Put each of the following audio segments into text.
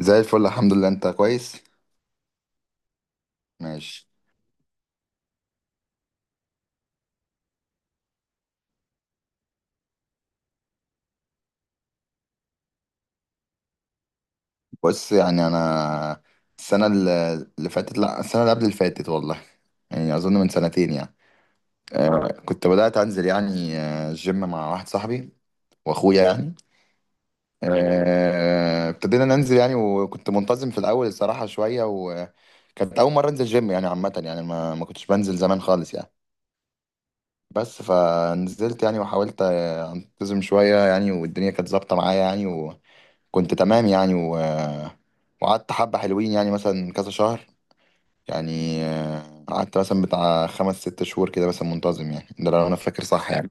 زي الفل، الحمد لله. انت كويس؟ ماشي. بص، يعني انا السنه اللي فاتت، لا، السنه اللي قبل اللي فاتت، والله يعني اظن من سنتين يعني. كنت بدات انزل يعني، الجيم مع واحد صاحبي واخويا يعني. ابتدينا ننزل يعني، وكنت منتظم في الاول الصراحه شويه، وكانت اول مره انزل جيم يعني عامه، يعني ما كنتش بنزل زمان خالص يعني. بس فنزلت يعني، وحاولت انتظم شويه يعني، والدنيا كانت ظابطه معايا يعني، كنت تمام يعني. وقعدت حبة حلوين يعني، مثلا كذا شهر، يعني قعدت مثلا بتاع خمس ست شهور كده مثلا منتظم يعني، ده لو أنا فاكر صح يعني.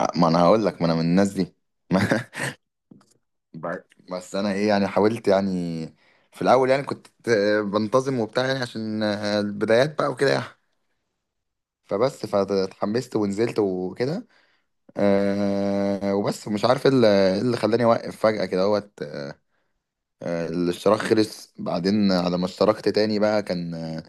ما أنا هقول لك، ما أنا من الناس دي. ب- بس أنا إيه يعني، حاولت يعني. في الأول يعني كنت بنتظم وبتاع يعني، عشان البدايات بقى وكده يعني. فبس فاتحمست ونزلت وكده. وبس مش عارف ايه اللي إيه اللي خلاني اوقف فجأة كده اهوت. الاشتراك خلص، بعدين على ما اشتركت تاني بقى، كان آه،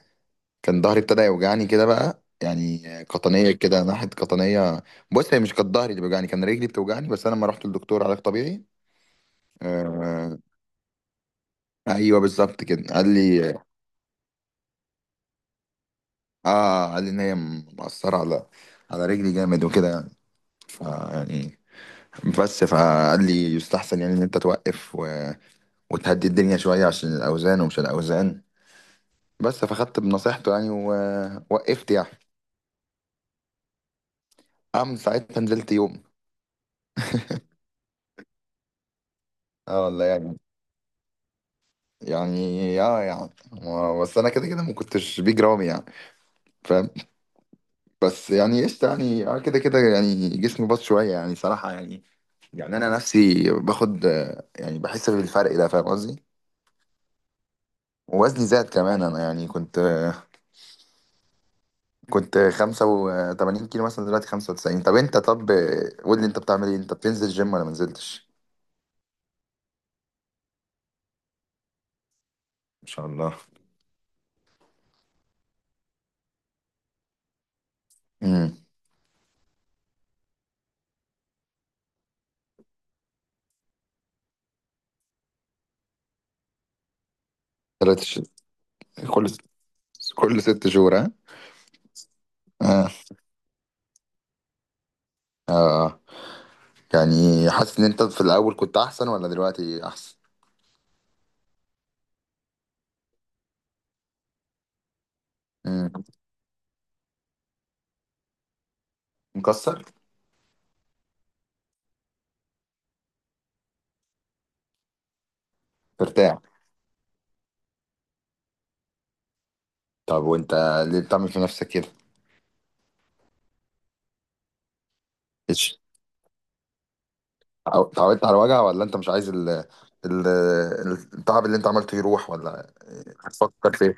كان ظهري ابتدى يوجعني كده بقى يعني، قطنية، كده ناحية قطنية. بص، هي مش كانت ظهري اللي بيوجعني، كان رجلي بتوجعني، بس انا لما رحت للدكتور علاج طبيعي. آه، ايوه بالظبط كده قال لي. اه قال لي ان هي مأثرة على رجلي جامد وكده يعني. يعني بس، فقال لي يستحسن يعني ان انت توقف وتهدي الدنيا شوية عشان الاوزان ومش الاوزان. بس فخدت بنصيحته يعني ووقفت يعني. أعمل ساعتها، نزلت يوم. اه والله يعني اه يعني بس انا كده كده ما كنتش بيج رامي يعني، فاهم. بس يعني قشطه يعني، اه كده كده يعني جسمي باظ شويه يعني صراحه يعني. يعني انا نفسي باخد، يعني بحس بالفرق ده، فاهم قصدي. ووزني زاد كمان، انا يعني كنت، كنت 85 كيلو مثلا، دلوقتي 95. طب انت، طب آه، قول لي، انت بتعمل ايه؟ انت بتنزل جيم ولا ما نزلتش؟ ان شاء الله. امم. ثلاث ش... كل كل ست شهور، ها؟ اه. آه. يعني حاسس ان انت في الاول كنت احسن، ولا دلوقتي احسن؟ مم. مكسر. مرتاح. طب وانت ليه بتعمل في نفسك كده؟ إيش؟ اتعودت على الوجع، ولا انت مش عايز ال... التعب اللي انت عملته يروح، ولا هتفكر في ايه؟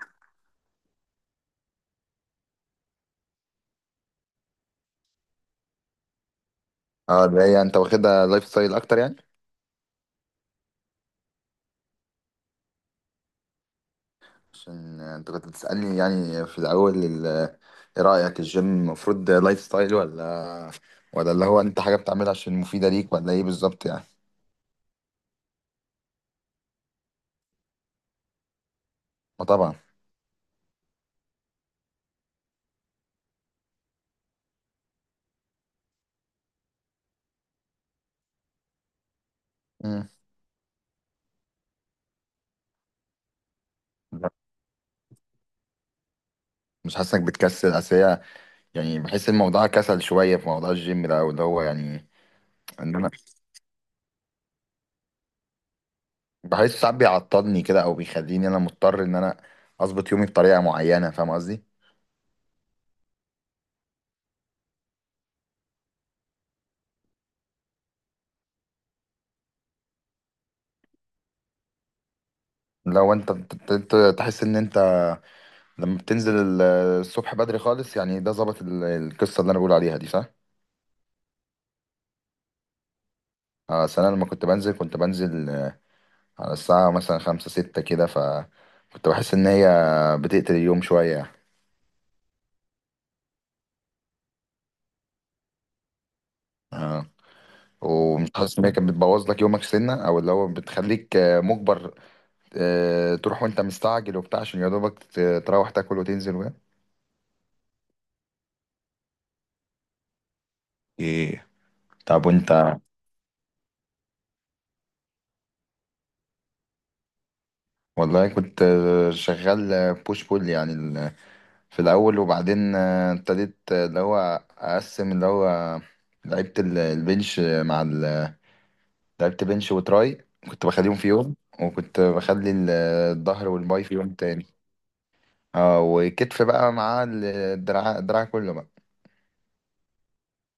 اه، اللي هي انت واخدها لايف ستايل اكتر يعني. عشان انت كنت بتسألني يعني في الاول، ايه رأيك، الجيم المفروض لايف ستايل، ولا اللي هو انت حاجة بتعملها عشان مفيدة ليك، ولا ايه بالظبط يعني؟ ما طبعا. مم. مش حاسس انك بتكسل؟ اصل هي يعني، بحس الموضوع كسل شوية في موضوع الجيم ده، أو اللي هو يعني. إن أنا بحس ساعات بيعطلني كده، أو بيخليني أنا مضطر إن أنا أظبط يومي بطريقة معينة، فاهم قصدي؟ لو أنت، أنت تحس إن أنت لما بتنزل الصبح بدري خالص يعني، ده ظبط القصة اللي أنا بقول عليها دي، صح؟ أصل أنا لما كنت بنزل، على الساعة مثلا خمسة ستة كده، فكنت بحس إن هي بتقتل اليوم شوية يعني. ومش حاسس إن هي كانت بتبوظ لك يومك سنة، أو اللي هو بتخليك مجبر تروح وانت مستعجل وبتاع، عشان يا دوبك تروح تاكل وتنزل وكده؟ ايه. طب وانت. والله كنت شغال بوش بول يعني في الاول، وبعدين ابتديت، اللي هو اقسم، اللي هو لعبت ال- البنش مع ال- لعبت بنش وتراي، كنت بخليهم في يوم. وكنت بخلي الظهر والباي في يوم تاني. اه، وكتف بقى مع الدراع كله بقى.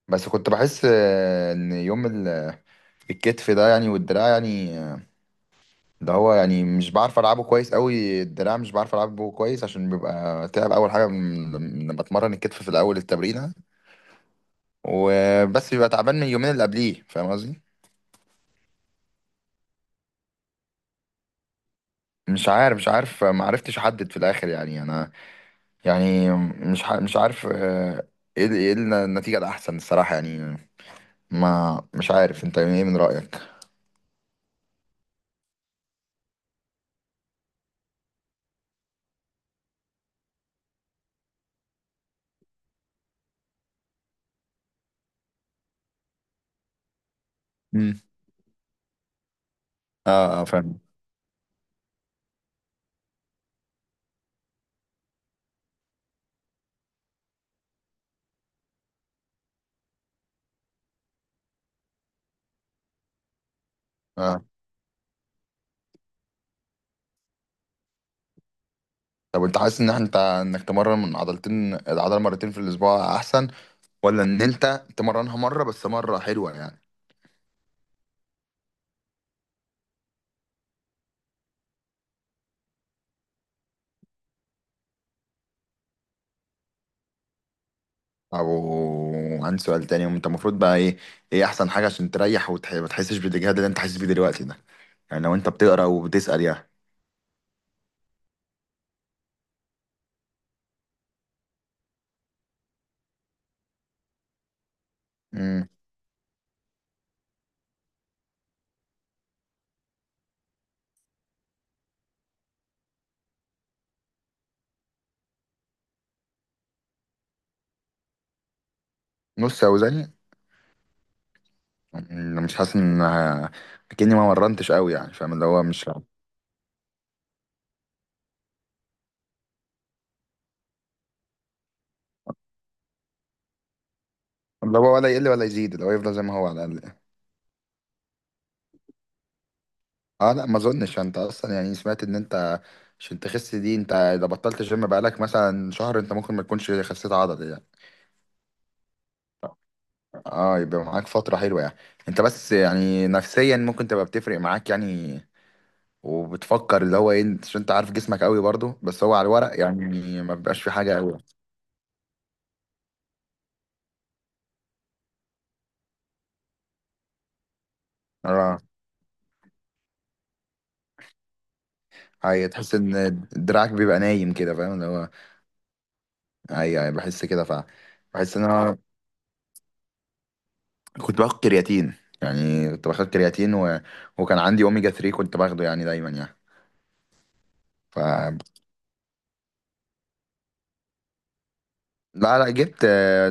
بس كنت بحس ان يوم الكتف ده يعني، والدراع يعني، ده هو يعني مش بعرف العبه كويس قوي. الدراع مش بعرف العبه كويس، عشان بيبقى تعب اول حاجه، لما بتمرن الكتف في الاول التمرينه، وبس بيبقى تعبان من اليومين اللي قبليه، فاهم قصدي؟ مش عارف ما عرفتش احدد في الاخر يعني. انا يعني مش عارف ايه إيه النتيجه الاحسن الصراحه يعني. ما مش عارف، انت ايه من رايك؟ امم. اه اه، فاهم. اه. طب انت حاسس ان احنا، انك تمرن من عضلتين العضله مرتين في الاسبوع احسن، ولا ان انت تمرنها مره بس، مره حلوه يعني؟ او عندي سؤال تاني، انت المفروض بقى ايه احسن حاجه عشان تريح وتح، ما تحسش بالاجهاد اللي انت حاسس بيه دلوقتي ده، يعني لو انت بتقرا وبتسال يعني. امم. نص اوزاني. مش حاسس ان كأني ما مرنتش قوي يعني، فاهم اللي هو مش، اللي هو ولا يقل ولا يزيد، اللي هو يفضل زي ما هو على الاقل. اه لا، ما اظنش. انت اصلا يعني سمعت ان انت عشان تخس دي، انت اذا بطلت جيم بقالك مثلا شهر، انت ممكن ما تكونش خسيت عضل يعني. اه، يبقى معاك فترة حلوة يعني، انت بس يعني نفسيا ممكن تبقى بتفرق معاك يعني، وبتفكر اللي هو ايه عشان انت عارف جسمك قوي برضو، بس هو على الورق يعني ما بيبقاش في حاجة قوي. اه. هي تحس ان دراعك بيبقى نايم كده، فاهم اللي هو. اي اي، بحس كده. بحس ان انا كنت باخد كرياتين يعني، كنت باخد كرياتين و... وكان عندي اوميجا 3 كنت باخده يعني دايما يعني. ف لا لا، جبت.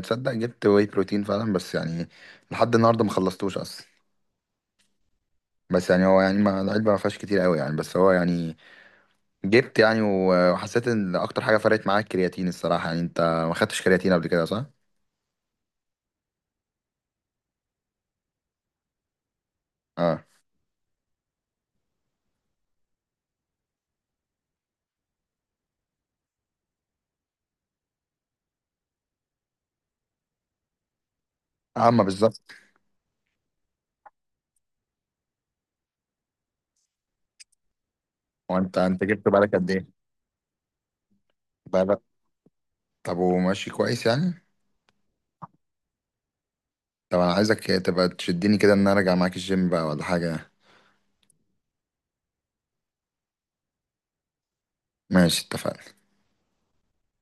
تصدق جبت واي بروتين فعلا، بس يعني لحد النهارده ما خلصتوش اصلا. بس يعني هو يعني، ما العلبة ما فيهاش كتير قوي يعني، بس هو يعني جبت يعني، وحسيت ان اكتر حاجة فرقت معاك الكرياتين الصراحة يعني. انت ما خدتش كرياتين قبل كده صح؟ اه. عامة بالظبط. هو انت جبت بالك قد ايه؟ بالك. طب وماشي كويس يعني؟ طب انا عايزك تبقى تشدني كده ان انا ارجع معاك الجيم بقى، ولا حاجة. ماشي، اتفقنا.